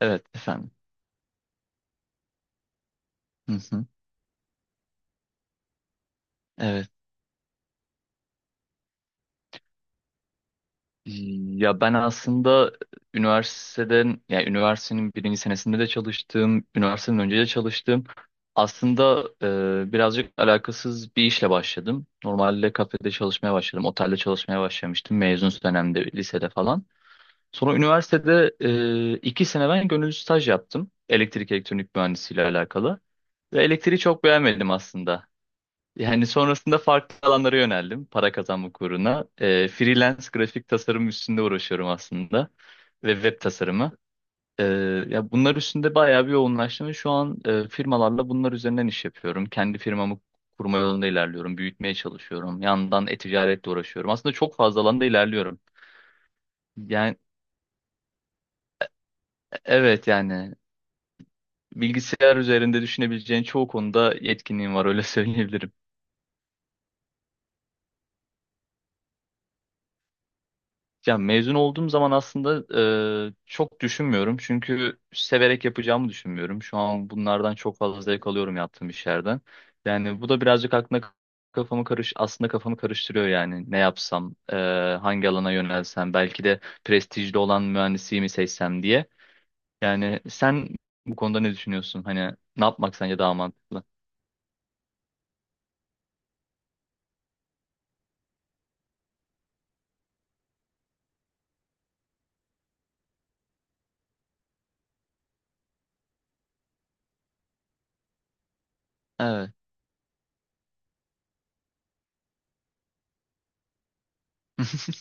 Evet efendim. Hı hı. Evet. Ya ben aslında üniversiteden, yani üniversitenin birinci senesinde de çalıştım, üniversiteden önce de çalıştım. Aslında birazcık alakasız bir işle başladım. Normalde kafede çalışmaya başladım, otelde çalışmaya başlamıştım mezun dönemde, lisede falan. Sonra üniversitede 2 sene ben gönüllü staj yaptım. Elektrik elektronik mühendisiyle alakalı. Ve elektriği çok beğenmedim aslında. Yani sonrasında farklı alanlara yöneldim para kazanmak uğruna. Freelance grafik tasarım üstünde uğraşıyorum aslında ve web tasarımı. Ee, ya bunlar üstünde bayağı bir yoğunlaştım ve şu an firmalarla bunlar üzerinden iş yapıyorum. Kendi firmamı kurma yolunda ilerliyorum, büyütmeye çalışıyorum. Yandan e-ticaretle uğraşıyorum. Aslında çok fazla alanda ilerliyorum. Yani, evet, yani bilgisayar üzerinde düşünebileceğin çoğu konuda yetkinliğim var, öyle söyleyebilirim. Ya mezun olduğum zaman aslında çok düşünmüyorum. Çünkü severek yapacağımı düşünmüyorum. Şu an bunlardan çok fazla zevk alıyorum yaptığım işlerden. Yani bu da birazcık aklına kafamı karış aslında kafamı karıştırıyor yani. Ne yapsam, hangi alana yönelsem, belki de prestijli olan mühendisliği mi seçsem diye. Yani sen bu konuda ne düşünüyorsun? Hani ne yapmak sence daha mantıklı? Evet.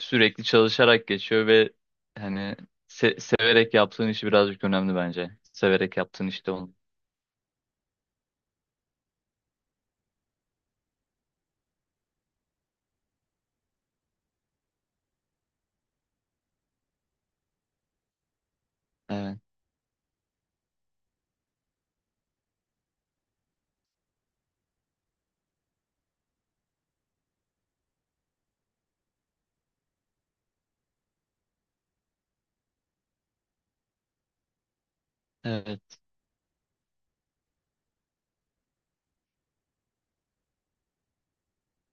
Sürekli çalışarak geçiyor ve hani severek yaptığın işi birazcık önemli bence. Severek yaptığın işte onu. Evet, evet.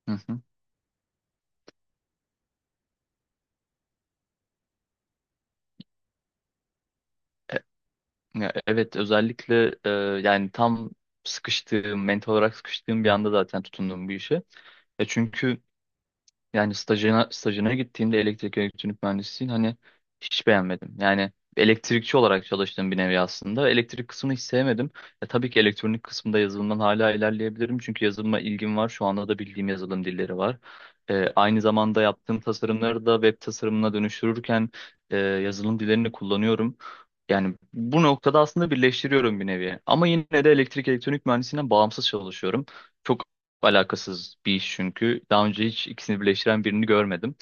Hı hı. E- ya evet, özellikle yani tam sıkıştığım, mental olarak sıkıştığım bir anda zaten tutundum bu işe. E çünkü Yani stajına gittiğimde elektrik elektronik mühendisliğini hani hiç beğenmedim. Yani elektrikçi olarak çalıştığım bir nevi aslında. Elektrik kısmını hiç sevmedim. Tabii ki elektronik kısmında yazılımdan hala ilerleyebilirim. Çünkü yazılıma ilgim var. Şu anda da bildiğim yazılım dilleri var. Aynı zamanda yaptığım tasarımları da web tasarımına dönüştürürken yazılım dillerini kullanıyorum. Yani bu noktada aslında birleştiriyorum bir nevi. Ama yine de elektrik elektronik mühendisliğinden bağımsız çalışıyorum. Çok alakasız bir iş çünkü. Daha önce hiç ikisini birleştiren birini görmedim.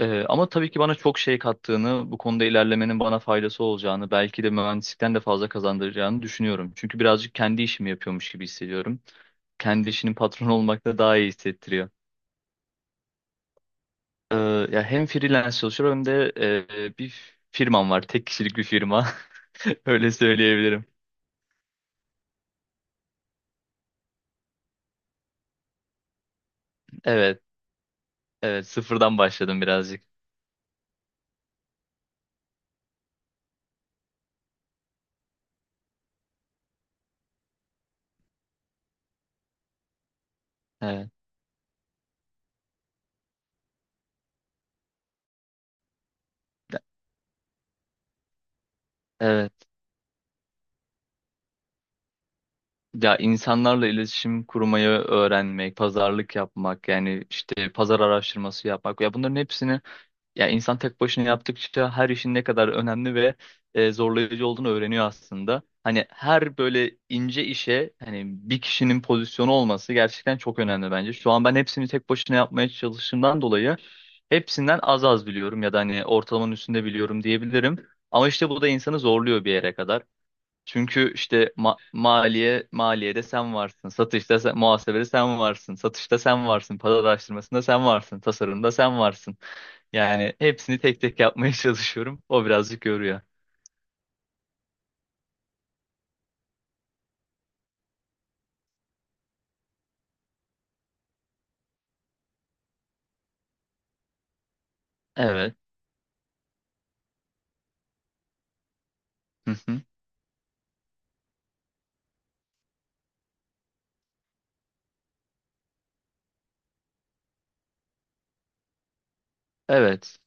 Ama tabii ki bana çok şey kattığını, bu konuda ilerlemenin bana faydası olacağını, belki de mühendislikten de fazla kazandıracağını düşünüyorum. Çünkü birazcık kendi işimi yapıyormuş gibi hissediyorum. Kendi işinin patronu olmak da daha iyi hissettiriyor. Ee, ya hem freelance çalışıyorum hem de bir firmam var. Tek kişilik bir firma. Öyle söyleyebilirim. Evet, evet, sıfırdan başladım birazcık. Evet, evet. Ya insanlarla iletişim kurmayı öğrenmek, pazarlık yapmak, yani işte pazar araştırması yapmak. Ya bunların hepsini, ya insan tek başına yaptıkça her işin ne kadar önemli ve zorlayıcı olduğunu öğreniyor aslında. Hani her böyle ince işe, hani bir kişinin pozisyonu olması gerçekten çok önemli bence. Şu an ben hepsini tek başına yapmaya çalıştığımdan dolayı hepsinden az az biliyorum, ya da hani ortalamanın üstünde biliyorum diyebilirim. Ama işte bu da insanı zorluyor bir yere kadar. Çünkü işte ma maliye maliyede sen varsın, satışta sen, muhasebede sen varsın, satışta sen varsın, pazar araştırmasında sen varsın, tasarımda sen varsın. Yani hepsini tek tek yapmaya çalışıyorum. O birazcık yoruyor. Evet. Hı hı. Evet.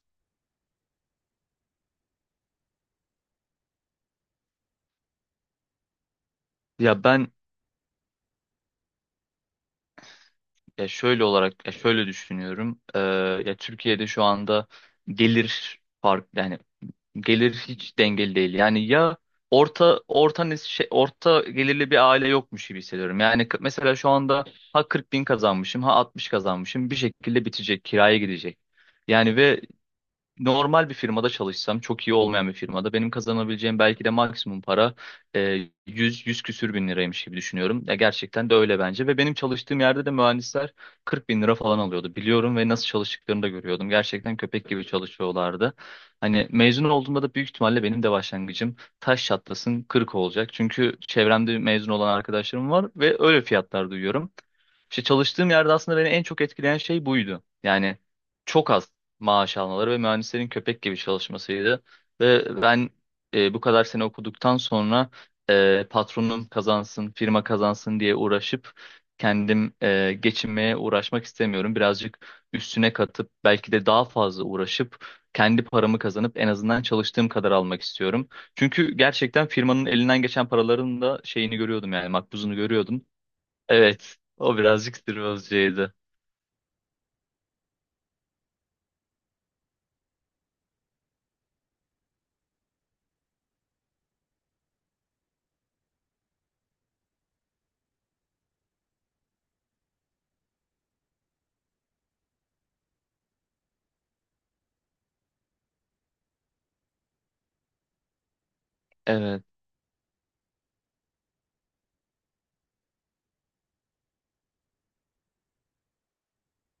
Ya ben ya şöyle olarak ya şöyle düşünüyorum. Ya Türkiye'de şu anda gelir fark yani gelir hiç dengeli değil. Yani ya orta gelirli bir aile yokmuş gibi hissediyorum. Yani mesela şu anda ha 40 bin kazanmışım ha 60 kazanmışım, bir şekilde bitecek kiraya gidecek. Yani ve normal bir firmada çalışsam, çok iyi olmayan bir firmada benim kazanabileceğim belki de maksimum para 100 küsür bin liraymış gibi düşünüyorum. Ya gerçekten de öyle bence ve benim çalıştığım yerde de mühendisler 40 bin lira falan alıyordu. Biliyorum ve nasıl çalıştıklarını da görüyordum. Gerçekten köpek gibi çalışıyorlardı. Hani mezun olduğumda da büyük ihtimalle benim de başlangıcım taş çatlasın 40 olacak. Çünkü çevremde mezun olan arkadaşlarım var ve öyle fiyatlar duyuyorum. İşte çalıştığım yerde aslında beni en çok etkileyen şey buydu. Yani çok az maaş almaları ve mühendislerin köpek gibi çalışmasıydı. Ve ben bu kadar sene okuduktan sonra patronum kazansın, firma kazansın diye uğraşıp kendim geçinmeye uğraşmak istemiyorum. Birazcık üstüne katıp belki de daha fazla uğraşıp kendi paramı kazanıp en azından çalıştığım kadar almak istiyorum. Çünkü gerçekten firmanın elinden geçen paraların da şeyini görüyordum, yani makbuzunu görüyordum. Evet, o birazcık sırrı... Evet.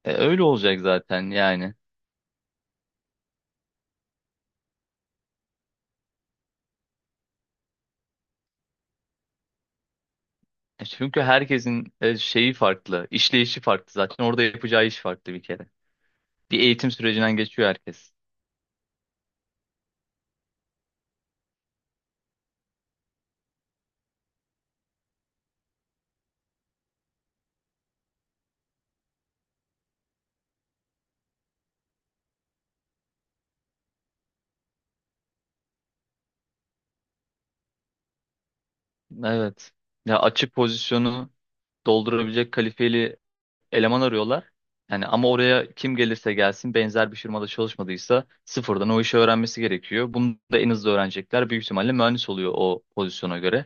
Öyle olacak zaten yani. Çünkü herkesin şeyi farklı, işleyişi farklı zaten. Orada yapacağı iş farklı bir kere. Bir eğitim sürecinden geçiyor herkes. Evet. Ya açık pozisyonu doldurabilecek kalifeli eleman arıyorlar. Yani ama oraya kim gelirse gelsin, benzer bir firmada çalışmadıysa sıfırdan o işi öğrenmesi gerekiyor. Bunu da en hızlı öğrenecekler. Büyük ihtimalle mühendis oluyor o pozisyona göre.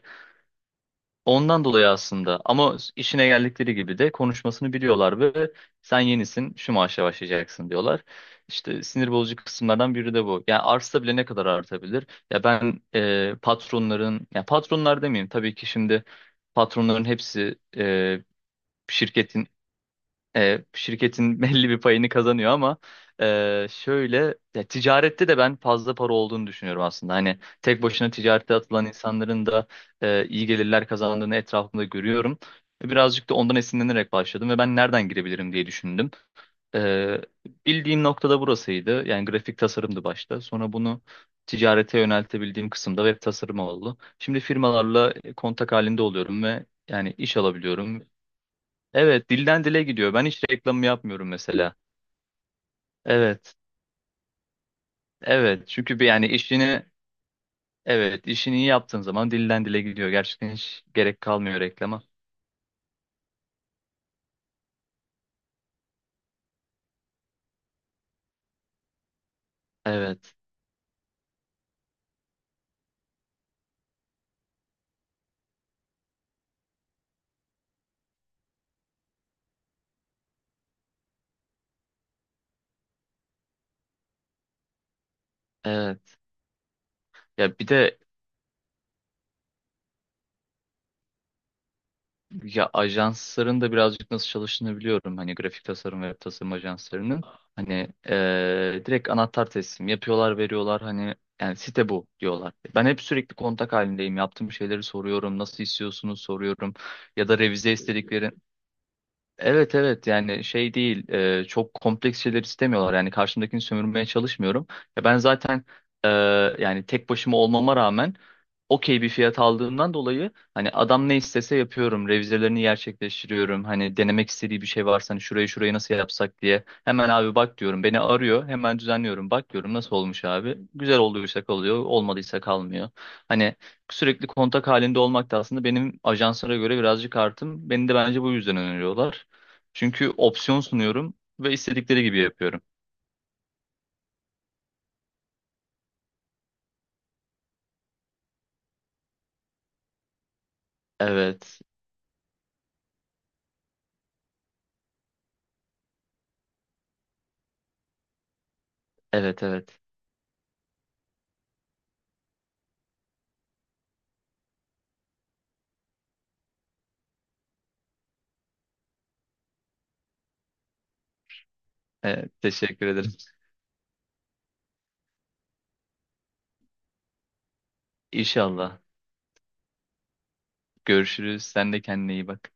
Ondan dolayı aslında, ama işine geldikleri gibi de konuşmasını biliyorlar ve sen yenisin şu maaşa başlayacaksın diyorlar. İşte sinir bozucu kısımlardan biri de bu. Yani artsa bile ne kadar artabilir? Ya ben patronların, ya patronlar demeyeyim tabii ki şimdi, patronların hepsi şirketin şirketin belli bir payını kazanıyor, ama şöyle, ya, ticarette de ben fazla para olduğunu düşünüyorum aslında. Hani tek başına ticarete atılan insanların da iyi gelirler kazandığını etrafımda görüyorum. Birazcık da ondan esinlenerek başladım ve ben nereden girebilirim diye düşündüm. E, bildiğim noktada burasıydı. Yani grafik tasarımdı başta. Sonra bunu ticarete yöneltebildiğim kısımda web tasarımı oldu. Şimdi firmalarla kontak halinde oluyorum ve yani iş alabiliyorum. Evet, dilden dile gidiyor. Ben hiç reklamı yapmıyorum mesela. Evet, evet. Çünkü yani işini, evet, işini iyi yaptığın zaman dilden dile gidiyor. Gerçekten hiç gerek kalmıyor reklama. Evet, evet. Ya bir de, ya ajansların da birazcık nasıl çalıştığını biliyorum. Hani grafik tasarım ve tasarım ajanslarının. Hani direkt anahtar teslim yapıyorlar, veriyorlar. Hani, yani, site bu diyorlar. Ben hep sürekli kontak halindeyim. Yaptığım şeyleri soruyorum. Nasıl istiyorsunuz soruyorum. Ya da revize istediklerini... Evet, evet. Yani, şey değil, çok kompleks şeyler istemiyorlar. Yani karşımdakini sömürmeye çalışmıyorum. Ya ben zaten e, yani tek başıma olmama rağmen okey bir fiyat aldığımdan dolayı hani adam ne istese yapıyorum, revizelerini gerçekleştiriyorum. Hani denemek istediği bir şey varsa, hani şurayı şurayı nasıl yapsak diye, hemen abi bak diyorum, beni arıyor, hemen düzenliyorum, bak diyorum nasıl olmuş abi, güzel olduysa kalıyor, olmadıysa kalmıyor. Hani sürekli kontak halinde olmak da aslında benim ajanslara göre birazcık artım. Beni de bence bu yüzden öneriyorlar. Çünkü opsiyon sunuyorum ve istedikleri gibi yapıyorum. Evet, evet, evet. Evet, teşekkür ederim. İnşallah. Görüşürüz. Sen de kendine iyi bak.